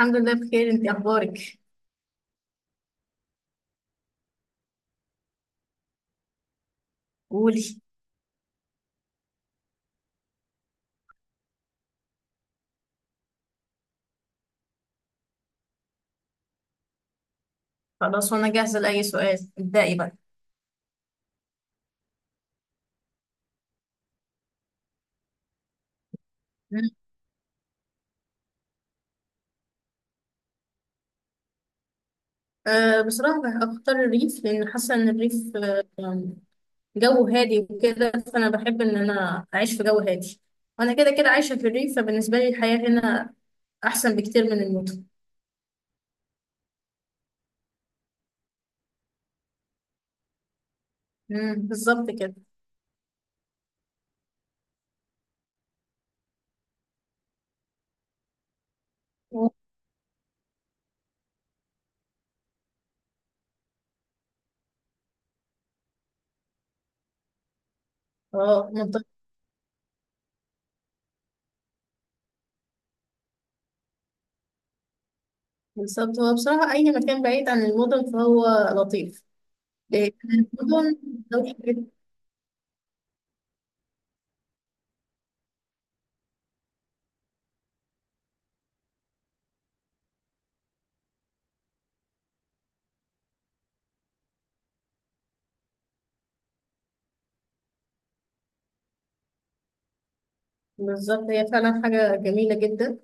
الحمد لله بخير، انت اخبارك؟ قولي. خلاص، وانا جاهزه لاي سؤال، ابدأي بقى. مم. أه، بصراحه هختار الريف لان حاسه ان الريف يعني جو هادي وكده، فانا بحب ان انا اعيش في جو هادي. وانا كده كده عايشه في الريف، فبالنسبه لي الحياه هنا احسن بكتير من المدن. مم، بالظبط كده. اه، منطقة. بالظبط، هو بصراحة أي مكان بعيد عن المدن فهو لطيف. لأن المدن. بالظبط، هي فعلا حاجة جميلة جدا.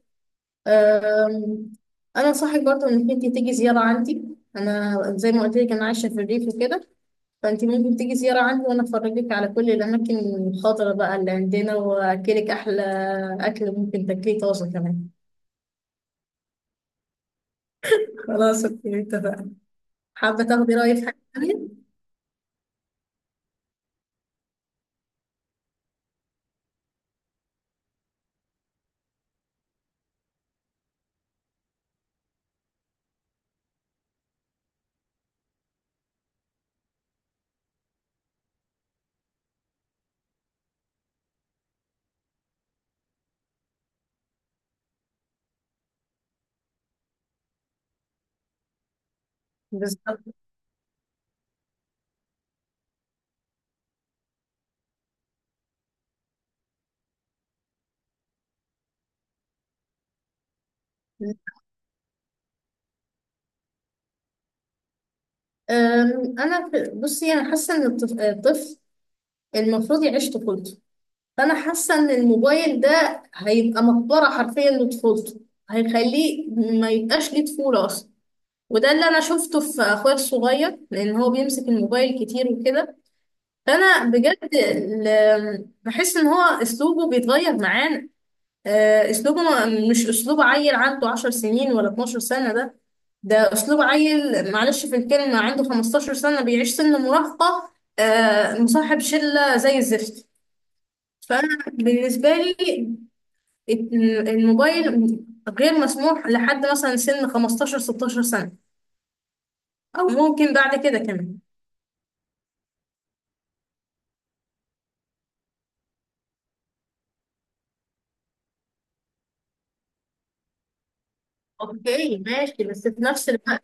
أم، انا انصحك برضو انك انت تيجي زياره عندي. انا زي ما قلت لك، انا عايشه في الريف وكده، فانت ممكن تيجي زياره عندي وانا افرجك على كل الاماكن الخضراء بقى اللي عندنا، واكلك احلى اكل ممكن تاكليه طازه كمان. خلاص، اوكي، اتفقنا. حابه تاخدي رايي في حاجه تانية؟ بالظبط. بصي، انا حاسه ان الطفل المفروض يعيش طفولته. فانا حاسه ان الموبايل ده هيبقى مقبره حرفيا لطفولته، هيخليه ما يبقاش ليه طفوله اصلا. وده اللي انا شفته في اخويا الصغير، لان هو بيمسك الموبايل كتير وكده. فانا بجد بحس ان هو اسلوبه بيتغير معانا. اسلوبه مش اسلوب عيل عنده 10 سنين ولا 12 سنه، ده اسلوب عيل، معلش في الكلمه، عنده 15 سنه بيعيش سن مراهقه، مصاحب شله زي الزفت. فانا بالنسبه لي، الموبايل غير مسموح لحد مثلا سن 15 16 سنة، أو ممكن بعد كده كمان. اوكي ماشي، بس في نفس الوقت.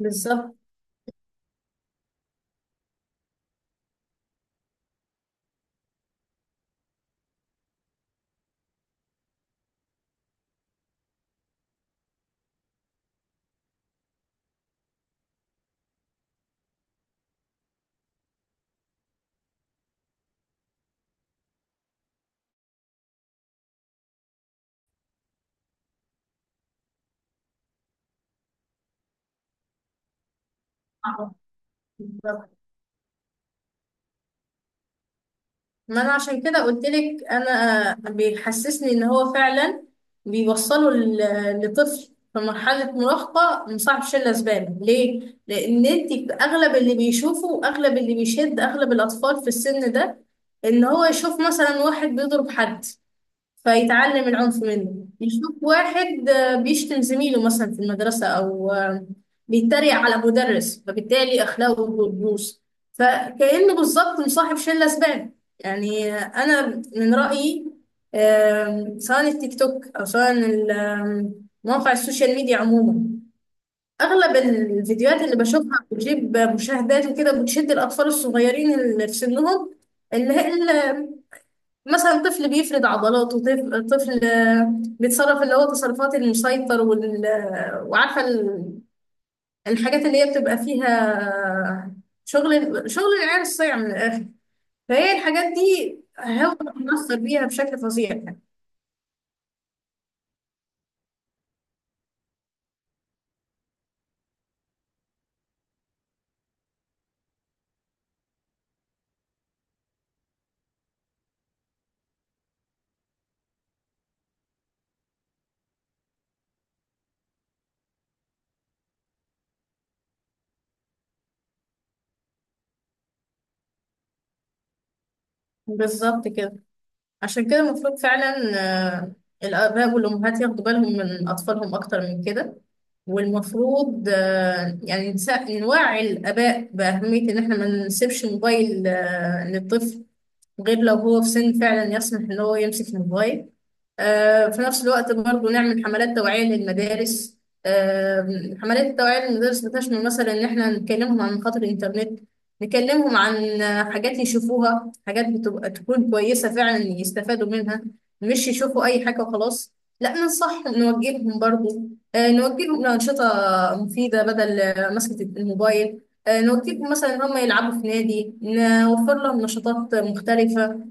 بالظبط. اه، بالظبط. ما أنا عشان كده قلت لك أنا بيحسسني إن هو فعلا بيوصله لطفل في مرحلة مراهقة مصعب شلة زبالة ليه؟ لأن أنت في أغلب اللي بيشوفه، وأغلب اللي بيشد أغلب الأطفال في السن ده، إن هو يشوف مثلا واحد بيضرب حد فيتعلم العنف منه، يشوف واحد بيشتم زميله مثلا في المدرسة، أو بيتريق على مدرس، فبالتالي أخلاقه بتبوظ، فكأنه بالظبط مصاحب شلة زبالة يعني. أنا من رأيي، سواء التيك توك أو سواء ال- آم، مواقع السوشيال ميديا عموما، أغلب الفيديوهات اللي بشوفها بتجيب مشاهدات وكده، بتشد الأطفال الصغيرين اللي في سنهم، اللي هي مثلا طفل بيفرد عضلاته، طفل بيتصرف اللي هو تصرفات المسيطر وال... آه، وعارفة الحاجات اللي هي بتبقى فيها شغل، شغل العيال الصيع من الآخر. فهي الحاجات دي هو بيتأثر بيها بشكل فظيع يعني. بالظبط كده. عشان كده المفروض فعلا آه، الآباء والأمهات ياخدوا بالهم من أطفالهم أكتر من كده. والمفروض يعني نوعي الآباء بأهمية إن إحنا ما نسيبش موبايل للطفل، غير لو هو في سن فعلا يسمح ان هو يمسك الموبايل. في نفس الوقت برضو نعمل حملات توعية للمدارس. حملات التوعية للمدارس بتشمل مثلا إن إحنا نكلمهم عن خطر الإنترنت، نكلمهم عن حاجات يشوفوها، حاجات بتبقى تكون كويسة فعلا يستفادوا منها، مش يشوفوا أي حاجة وخلاص. لا، ننصحهم، نوجههم برضو. نوجههم لأنشطة مفيدة بدل مسكة الموبايل. نوجههم مثلا إن هم يلعبوا في نادي، نوفر لهم نشاطات مختلفة.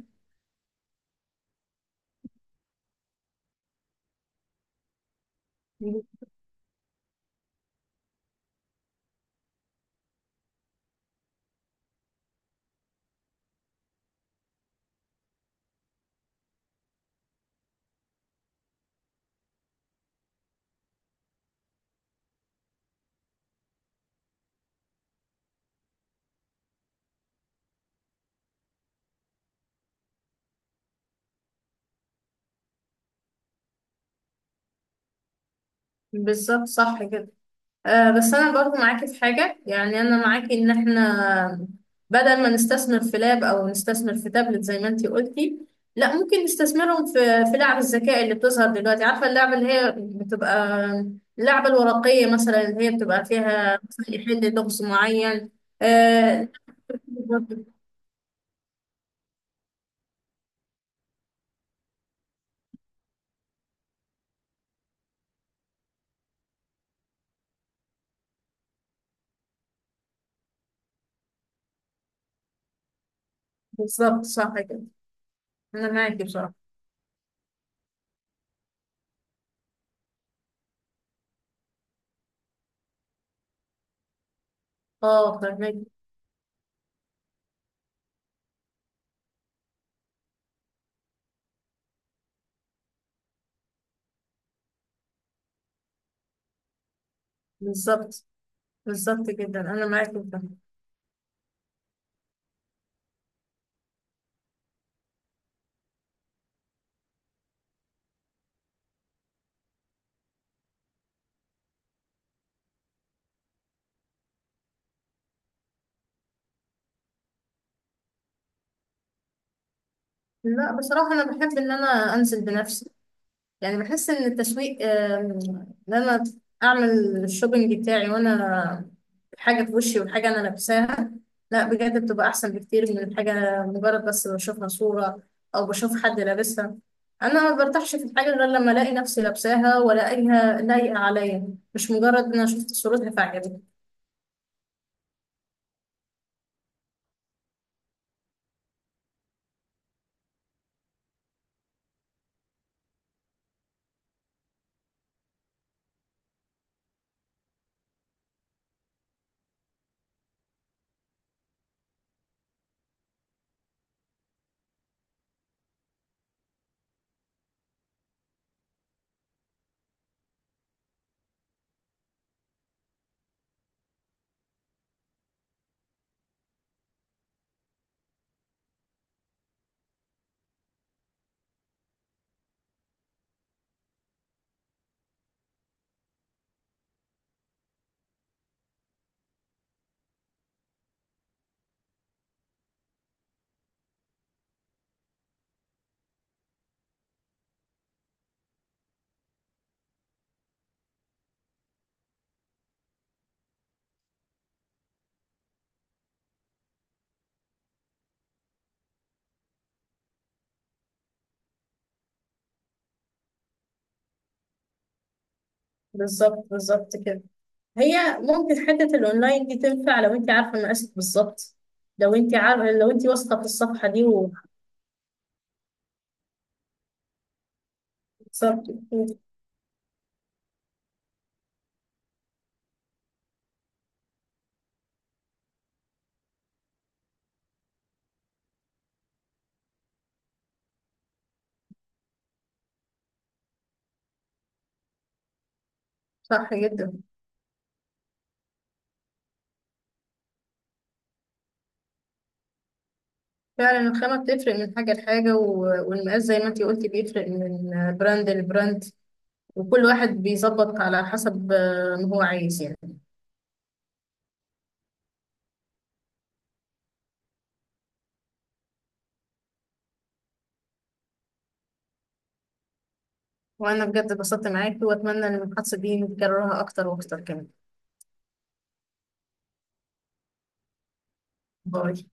بالظبط، صح كده. بس انا برضو معاكي في حاجه، يعني انا معاكي ان احنا بدل ما نستثمر في لاب او نستثمر في تابلت زي ما انتي قلتي، لا، ممكن نستثمرهم في لعب الذكاء اللي بتظهر دلوقتي، عارفه اللعبه اللي هي بتبقى، اللعبه الورقيه مثلا، اللي هي بتبقى فيها مثلاً يحل لغز معين. آه، بالظبط، صح كده. انا معاكي بصراحه. اه، فهمك. بالظبط، بالظبط جدا، انا معاكي جدا. لا بصراحه انا بحب ان انا انزل بنفسي. يعني بحس ان التسويق، ان انا اعمل الشوبينج بتاعي وانا حاجه في وشي والحاجه انا لابساها، لا بجد بتبقى احسن بكتير من الحاجه مجرد بس بشوفها صوره، او بشوف حد لابسها. انا ما برتاحش في الحاجه غير لما الاقي نفسي لابساها والاقيها لايقه عليا، مش مجرد ان انا شفت صورتها فعجبتني. بالظبط، بالظبط كده. هي ممكن حته الاونلاين دي تنفع لو انت عارفه مقاسك بالظبط، لو انت عارفه، لو انت واثقه في الصفحه دي و. بالظبط، صح جدا. فعلا الخامة بتفرق من حاجة لحاجة، و- والمقاس زي ما انتي قلتي بيفرق من براند لبراند، وكل واحد بيظبط على حسب ما هو عايز يعني. وأنا بجد اتبسطت معاكي، وأتمنى إن المحادثة دي نكررها أكتر وأكتر كمان. باي.